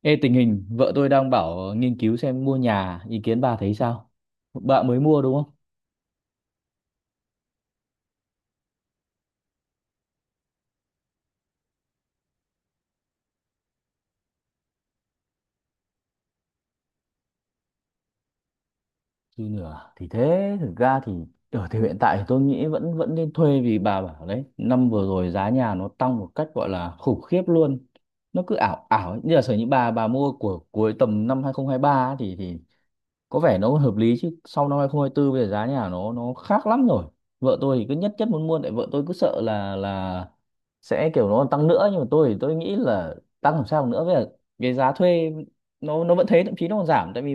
Ê, tình hình vợ tôi đang bảo nghiên cứu xem mua nhà, ý kiến bà thấy sao? Bạn mới mua đúng không? Thì nửa thì thế thực ra thì ở thì hiện tại thì tôi nghĩ vẫn vẫn nên thuê, vì bà bảo đấy, năm vừa rồi giá nhà nó tăng một cách gọi là khủng khiếp luôn, nó cứ ảo ảo ấy. Như là sở những bà mua của cuối tầm năm 2023 ấy, thì có vẻ nó hợp lý, chứ sau năm 2024 bây giờ giá nhà nó khác lắm rồi. Vợ tôi thì cứ nhất nhất muốn mua, tại vợ tôi cứ sợ là sẽ kiểu nó tăng nữa, nhưng mà tôi thì tôi nghĩ là tăng làm sao nữa bây giờ. Cái giá thuê nó vẫn thế, thậm chí nó còn giảm, tại vì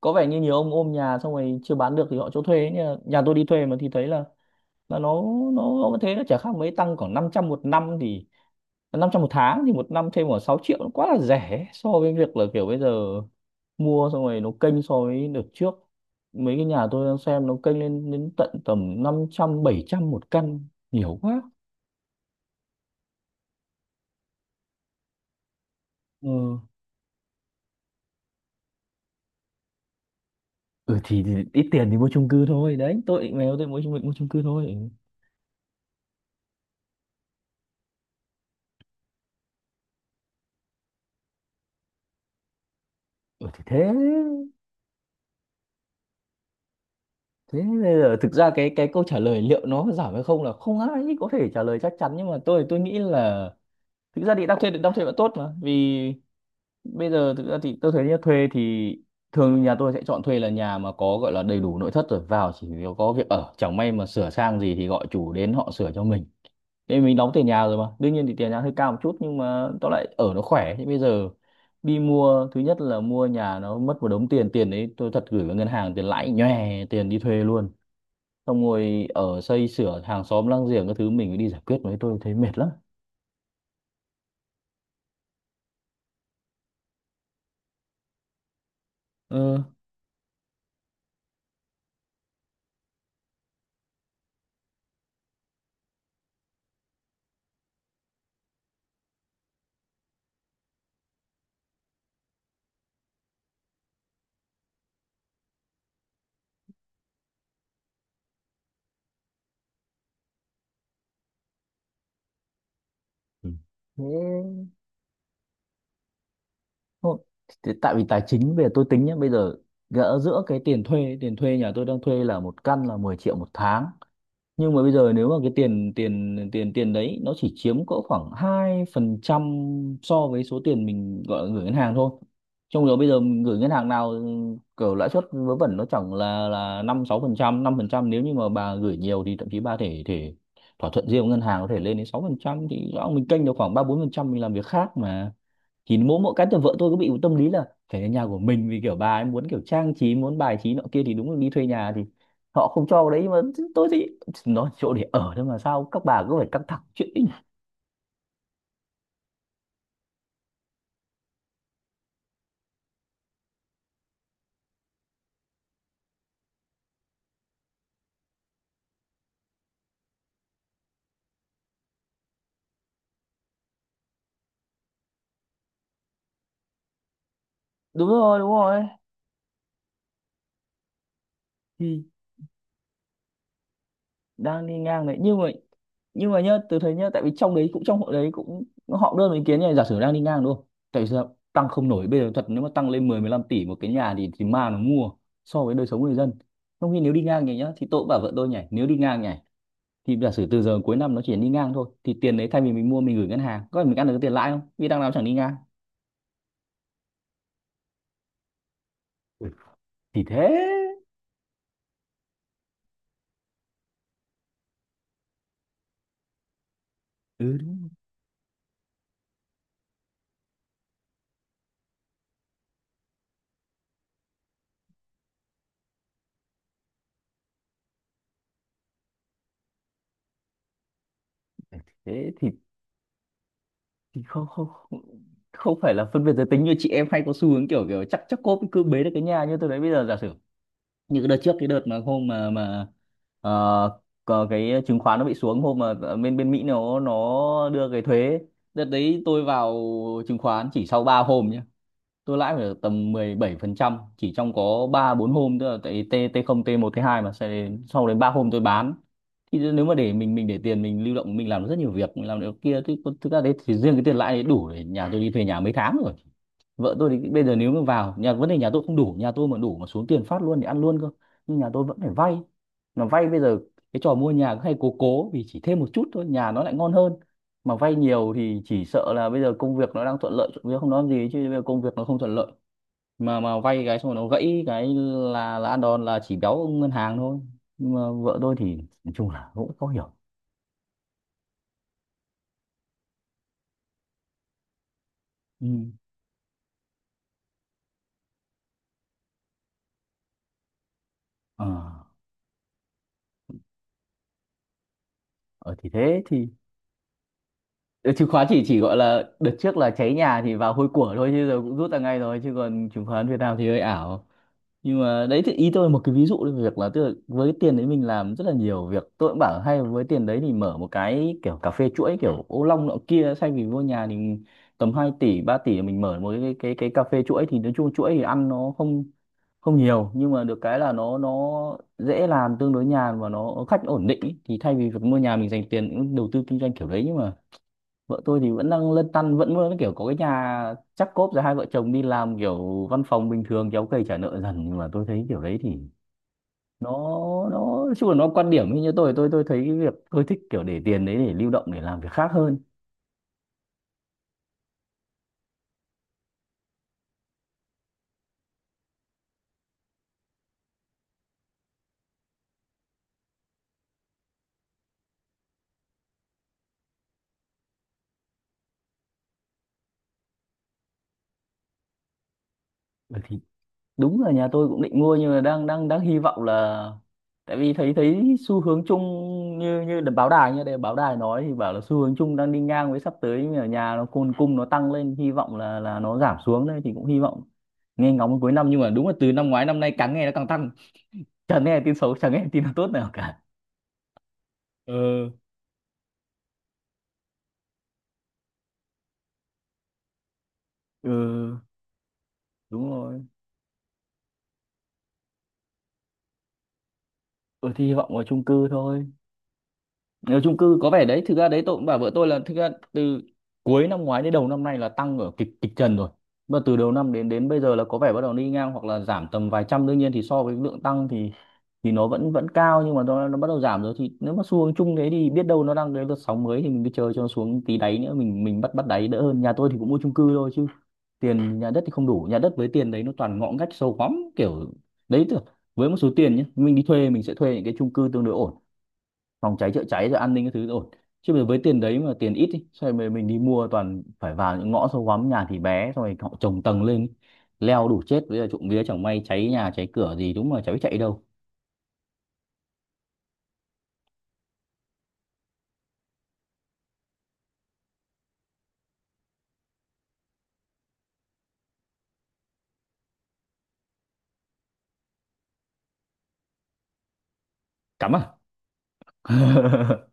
có vẻ như nhiều ông ôm nhà xong rồi chưa bán được thì họ cho thuê ấy. Nhà tôi đi thuê mà thì thấy là là nó nó vẫn thế, nó chả khác mấy, tăng khoảng 500 một năm thì 500 một tháng thì một năm thêm khoảng 6 triệu, nó quá là rẻ so với việc là kiểu bây giờ mua xong rồi nó kênh so với đợt trước. Mấy cái nhà tôi đang xem nó kênh lên đến tận tầm 500-700 một căn, nhiều quá. Ừ. Ừ thì ít tiền thì mua chung cư thôi, đấy tôi định mèo tôi mua chung cư thôi. Ừ thì thế. Thế bây giờ thực ra cái câu trả lời liệu nó có giảm hay không là không ai có thể trả lời chắc chắn, nhưng mà tôi nghĩ là thực ra thì đang thuê vẫn tốt mà. Vì bây giờ thực ra thì tôi thấy nhá, thuê thì thường nhà tôi sẽ chọn thuê là nhà mà có gọi là đầy đủ nội thất rồi, vào chỉ có việc ở, chẳng may mà sửa sang gì thì gọi chủ đến họ sửa cho mình, thế mình đóng tiền nhà rồi. Mà đương nhiên thì tiền nhà hơi cao một chút, nhưng mà tóm lại ở nó khỏe. Thế bây giờ đi mua, thứ nhất là mua nhà nó mất một đống tiền, tiền đấy tôi thật gửi vào ngân hàng tiền lãi nhòe tiền đi thuê luôn. Xong rồi ở xây sửa hàng xóm láng giềng các thứ mình phải đi giải quyết, mấy tôi thấy mệt lắm. Ừ. Ừ. Ừ. Thế thôi, thế tại vì tài chính bây giờ tôi tính nhé, bây giờ gỡ giữa cái tiền thuê nhà tôi đang thuê là một căn là 10 triệu một tháng. Nhưng mà bây giờ nếu mà cái tiền tiền tiền tiền đấy nó chỉ chiếm cỡ khoảng 2% so với số tiền mình gọi là gửi ngân hàng thôi. Trong đó bây giờ mình gửi ngân hàng nào kiểu lãi suất vớ vẩn nó chẳng là 5-6%, 5%, nếu như mà bà gửi nhiều thì thậm chí bà thể thể thỏa thuận riêng với ngân hàng có thể lên đến 6%, thì rõ mình kênh được khoảng 3-4% mình làm việc khác mà. Thì mỗi mỗi cái từ vợ tôi cứ bị một tâm lý là phải là nhà của mình, vì kiểu bà ấy muốn kiểu trang trí, muốn bài trí nọ kia, thì đúng là đi thuê nhà thì họ không cho đấy. Nhưng mà tôi thì nó chỗ để ở thôi, mà sao các bà cứ phải căng thẳng chuyện ấy nhỉ? Đúng rồi, đúng rồi, thì đang đi ngang đấy. Nhưng mà nhá, từ thấy nhá, tại vì trong đấy cũng họ đưa ý kiến này, giả sử đang đi ngang đúng không, tại vì sao tăng không nổi bây giờ thật, nếu mà tăng lên mười mười 15 tỷ một cái nhà thì ma nó mua, so với đời sống người dân. Trong khi nếu đi ngang nhỉ nhá, thì tôi cũng bảo vợ tôi nhỉ, nếu đi ngang nhỉ, thì giả sử từ giờ cuối năm nó chỉ đi ngang thôi thì tiền đấy thay vì mình mua mình gửi ngân hàng có phải mình ăn được cái tiền lãi không, vì đằng nào chẳng đi ngang. Ừ. Thì thế. Ừ đúng. Thế thì không, không, không, không phải là phân biệt giới tính như chị em hay có xu hướng kiểu kiểu chắc chắc cô cứ bế được cái nhà. Như tôi đấy, bây giờ giả sử như cái đợt trước, cái đợt mà hôm mà ờ, có cái chứng khoán nó bị xuống, hôm mà bên bên Mỹ nó đưa cái thuế, đợt đấy tôi vào chứng khoán chỉ sau 3 hôm nhá, tôi lãi phải được tầm 17% chỉ trong có 3-4 hôm, tức là tại T T0 t một t hai, mà sau đến 3 hôm tôi bán. Thì nếu mà để mình để tiền mình lưu động mình làm được rất nhiều việc, mình làm được kia, thì thực ra đấy thì riêng cái tiền lãi đấy đủ để nhà tôi đi thuê nhà mấy tháng rồi. Vợ tôi thì bây giờ nếu mà vào nhà, vấn đề nhà tôi không đủ, nhà tôi mà đủ mà xuống tiền phát luôn thì ăn luôn cơ. Nhưng nhà tôi vẫn phải vay. Mà vay bây giờ cái trò mua nhà cứ hay cố, vì chỉ thêm một chút thôi nhà nó lại ngon hơn. Mà vay nhiều thì chỉ sợ là bây giờ công việc nó đang thuận lợi trộm không nói gì, chứ bây giờ công việc nó không thuận lợi mà vay cái xong rồi nó gãy cái là ăn đòn, là chỉ béo ông ngân hàng thôi. Nhưng mà vợ tôi thì nói chung là cũng có hiểu. Ừ. ờ ờ, thì thế thì. Ờ, chứng khoán chỉ gọi là đợt trước là cháy nhà thì vào hôi của thôi, chứ giờ cũng rút ra ngay rồi, chứ còn chứng khoán Việt Nam thì hơi ảo. Nhưng mà đấy thì ý tôi một cái ví dụ về việc là, tức là với cái tiền đấy mình làm rất là nhiều việc. Tôi cũng bảo hay với tiền đấy thì mở một cái kiểu cà phê chuỗi kiểu ô long nọ kia thay vì mua nhà, thì tầm 2 tỷ 3 tỷ mình mở một cái cà phê chuỗi, thì nói chung chuỗi thì ăn nó không không nhiều, nhưng mà được cái là nó dễ làm, tương đối nhàn, và nó khách ổn định ý. Thì thay vì việc mua nhà mình dành tiền cũng đầu tư kinh doanh kiểu đấy. Nhưng mà vợ tôi thì vẫn đang lăn tăn, vẫn vẫn kiểu có cái nhà chắc cốp rồi hai vợ chồng đi làm kiểu văn phòng bình thường kéo cày trả nợ dần. Nhưng mà tôi thấy kiểu đấy thì nó nói chung là nó quan điểm như tôi, tôi thấy cái việc tôi thích kiểu để tiền đấy để lưu động để làm việc khác hơn. Ừ, thì đúng là nhà tôi cũng định mua, nhưng mà đang đang đang hy vọng là, tại vì thấy thấy xu hướng chung, như như đ- báo đài, như đây báo đài nói thì bảo là xu hướng chung đang đi ngang với sắp tới, nhưng mà nhà nó cung cung nó tăng lên, hy vọng là nó giảm xuống đây, thì cũng hy vọng nghe ngóng cuối năm. Nhưng mà đúng là từ năm ngoái năm nay càng nghe nó càng tăng, chẳng nghe tin xấu, chẳng nghe tin nào tốt nào cả. Ừ. Ừ, đúng rồi. Ừ thì hy vọng vào chung cư thôi. Nếu chung cư có vẻ đấy, thực ra đấy tôi cũng bảo vợ tôi là thực ra từ cuối năm ngoái đến đầu năm nay là tăng ở kịch kịch trần rồi, mà từ đầu năm đến đến bây giờ là có vẻ bắt đầu đi ngang hoặc là giảm tầm vài trăm. Đương nhiên thì so với lượng tăng thì nó vẫn vẫn cao, nhưng mà nó bắt đầu giảm rồi. Thì nếu mà xu hướng chung thế thì biết đâu nó đang cái đợt sóng mới, thì mình cứ chờ cho nó xuống tí đáy nữa mình bắt bắt đáy đỡ hơn. Nhà tôi thì cũng mua chung cư thôi chứ tiền nhà đất thì không đủ, nhà đất với tiền đấy nó toàn ngõ ngách sâu hoắm kiểu đấy thôi. Với một số tiền nhé mình đi thuê mình sẽ thuê những cái chung cư tương đối ổn, phòng cháy chữa cháy rồi an ninh Các thứ ổn. Chứ bây giờ với tiền đấy mà tiền ít ý, xong rồi mình đi mua toàn phải vào những ngõ sâu hoắm, nhà thì bé, xong rồi họ trồng tầng lên ý. Leo đủ chết. Bây giờ trộm vía chẳng may cháy nhà cháy cửa gì, đúng mà cháy chạy đâu? Cắm à?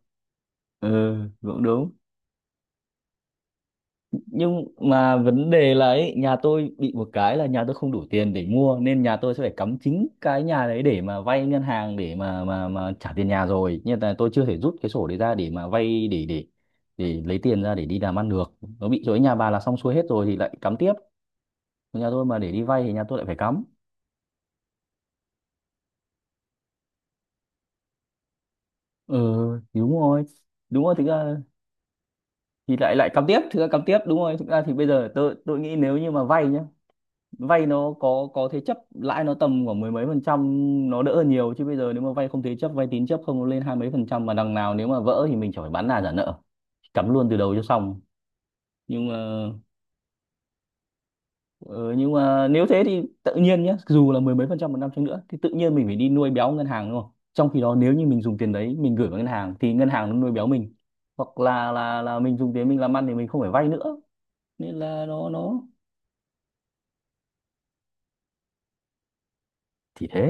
Ừ, cũng đúng. Nhưng mà vấn đề là ấy, nhà tôi bị một cái là nhà tôi không đủ tiền để mua, nên nhà tôi sẽ phải cắm chính cái nhà đấy để mà vay ngân hàng để mà trả tiền nhà rồi, nhưng mà tôi chưa thể rút cái sổ đấy ra để mà vay, để để lấy tiền ra để đi làm ăn được. Nó bị chỗ nhà bà là xong xuôi hết rồi thì lại cắm tiếp. Nhà tôi mà để đi vay thì nhà tôi lại phải cắm. Ừ, đúng rồi, đúng rồi, thực ra thì lại lại cắm tiếp, thực ra cắm tiếp, đúng rồi, thực ra thì bây giờ tôi nghĩ nếu như mà vay nhá, vay nó có thế chấp lãi nó tầm khoảng mười mấy phần trăm, nó đỡ hơn nhiều. Chứ bây giờ nếu mà vay không thế chấp, vay tín chấp không, nó lên hai mấy phần trăm, mà đằng nào nếu mà vỡ thì mình chẳng phải bán nhà trả nợ, cắm luôn từ đầu cho xong. Nhưng mà ờ, nhưng mà nếu thế thì tự nhiên nhé, dù là mười mấy phần trăm một năm chăng nữa thì tự nhiên mình phải đi nuôi béo ngân hàng, đúng không? Trong khi đó nếu như mình dùng tiền đấy mình gửi vào ngân hàng thì ngân hàng nó nuôi béo mình. Hoặc là là mình dùng tiền mình làm ăn thì mình không phải vay nữa, nên là nó thì thế.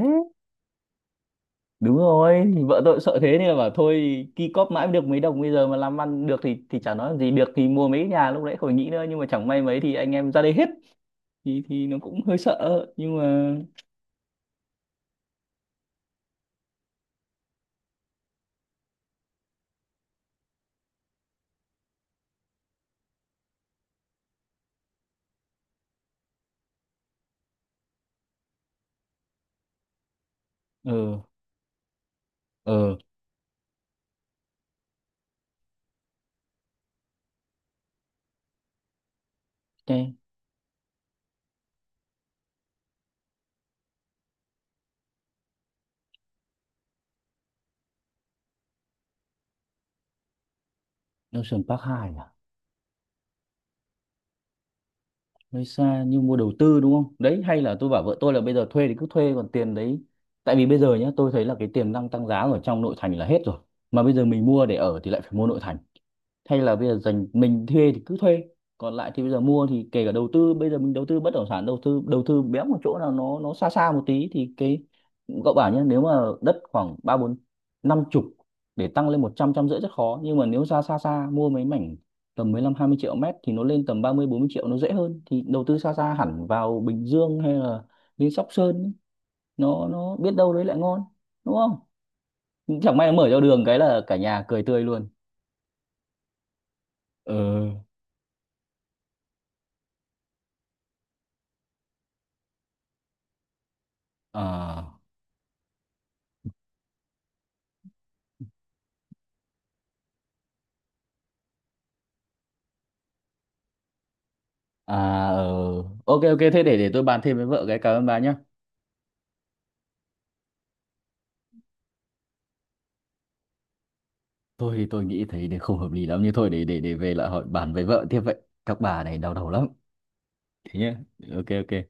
Đúng rồi, thì vợ tôi cũng sợ thế nên là bảo thôi, ki cóp mãi mới được mấy đồng, bây giờ mà làm ăn được thì chả nói làm gì, được thì mua mấy cái nhà lúc nãy khỏi nghĩ nữa, nhưng mà chẳng may mấy thì anh em ra đây hết. Thì nó cũng hơi sợ. Nhưng mà ờ ờ cái Ocean Park 2 à? Hơi xa nhưng mua đầu tư đúng không? Đấy, hay là tôi bảo vợ tôi là bây giờ thuê thì cứ thuê, còn tiền đấy, tại vì bây giờ nhá, tôi thấy là cái tiềm năng tăng giá ở trong nội thành là hết rồi, mà bây giờ mình mua để ở thì lại phải mua nội thành. Hay là bây giờ dành mình thuê thì cứ thuê, còn lại thì bây giờ mua thì kể cả đầu tư, bây giờ mình đầu tư bất động sản, đầu tư béo một chỗ nào nó xa xa một tí thì cái cậu bảo nhé, nếu mà đất khoảng ba bốn năm chục để tăng lên 100, 150 rất khó, nhưng mà nếu ra xa xa mua mấy mảnh tầm 15 20 triệu mét thì nó lên tầm 30 40 triệu nó dễ hơn. Thì đầu tư xa xa hẳn vào Bình Dương hay là lên Sóc Sơn ấy, nó biết đâu đấy lại ngon, đúng không? Chẳng may nó mở ra đường cái là cả nhà cười tươi luôn. Ừ. Ờ. À, ờ. Ok ok, thế để tôi bàn thêm với vợ cái. Cảm ơn bà nhá. Tôi thì tôi nghĩ thấy để không hợp lý lắm như thôi, để để về lại hỏi bàn với vợ tiếp vậy. Các bà này đau đầu lắm. Thế nhá. Ok ok.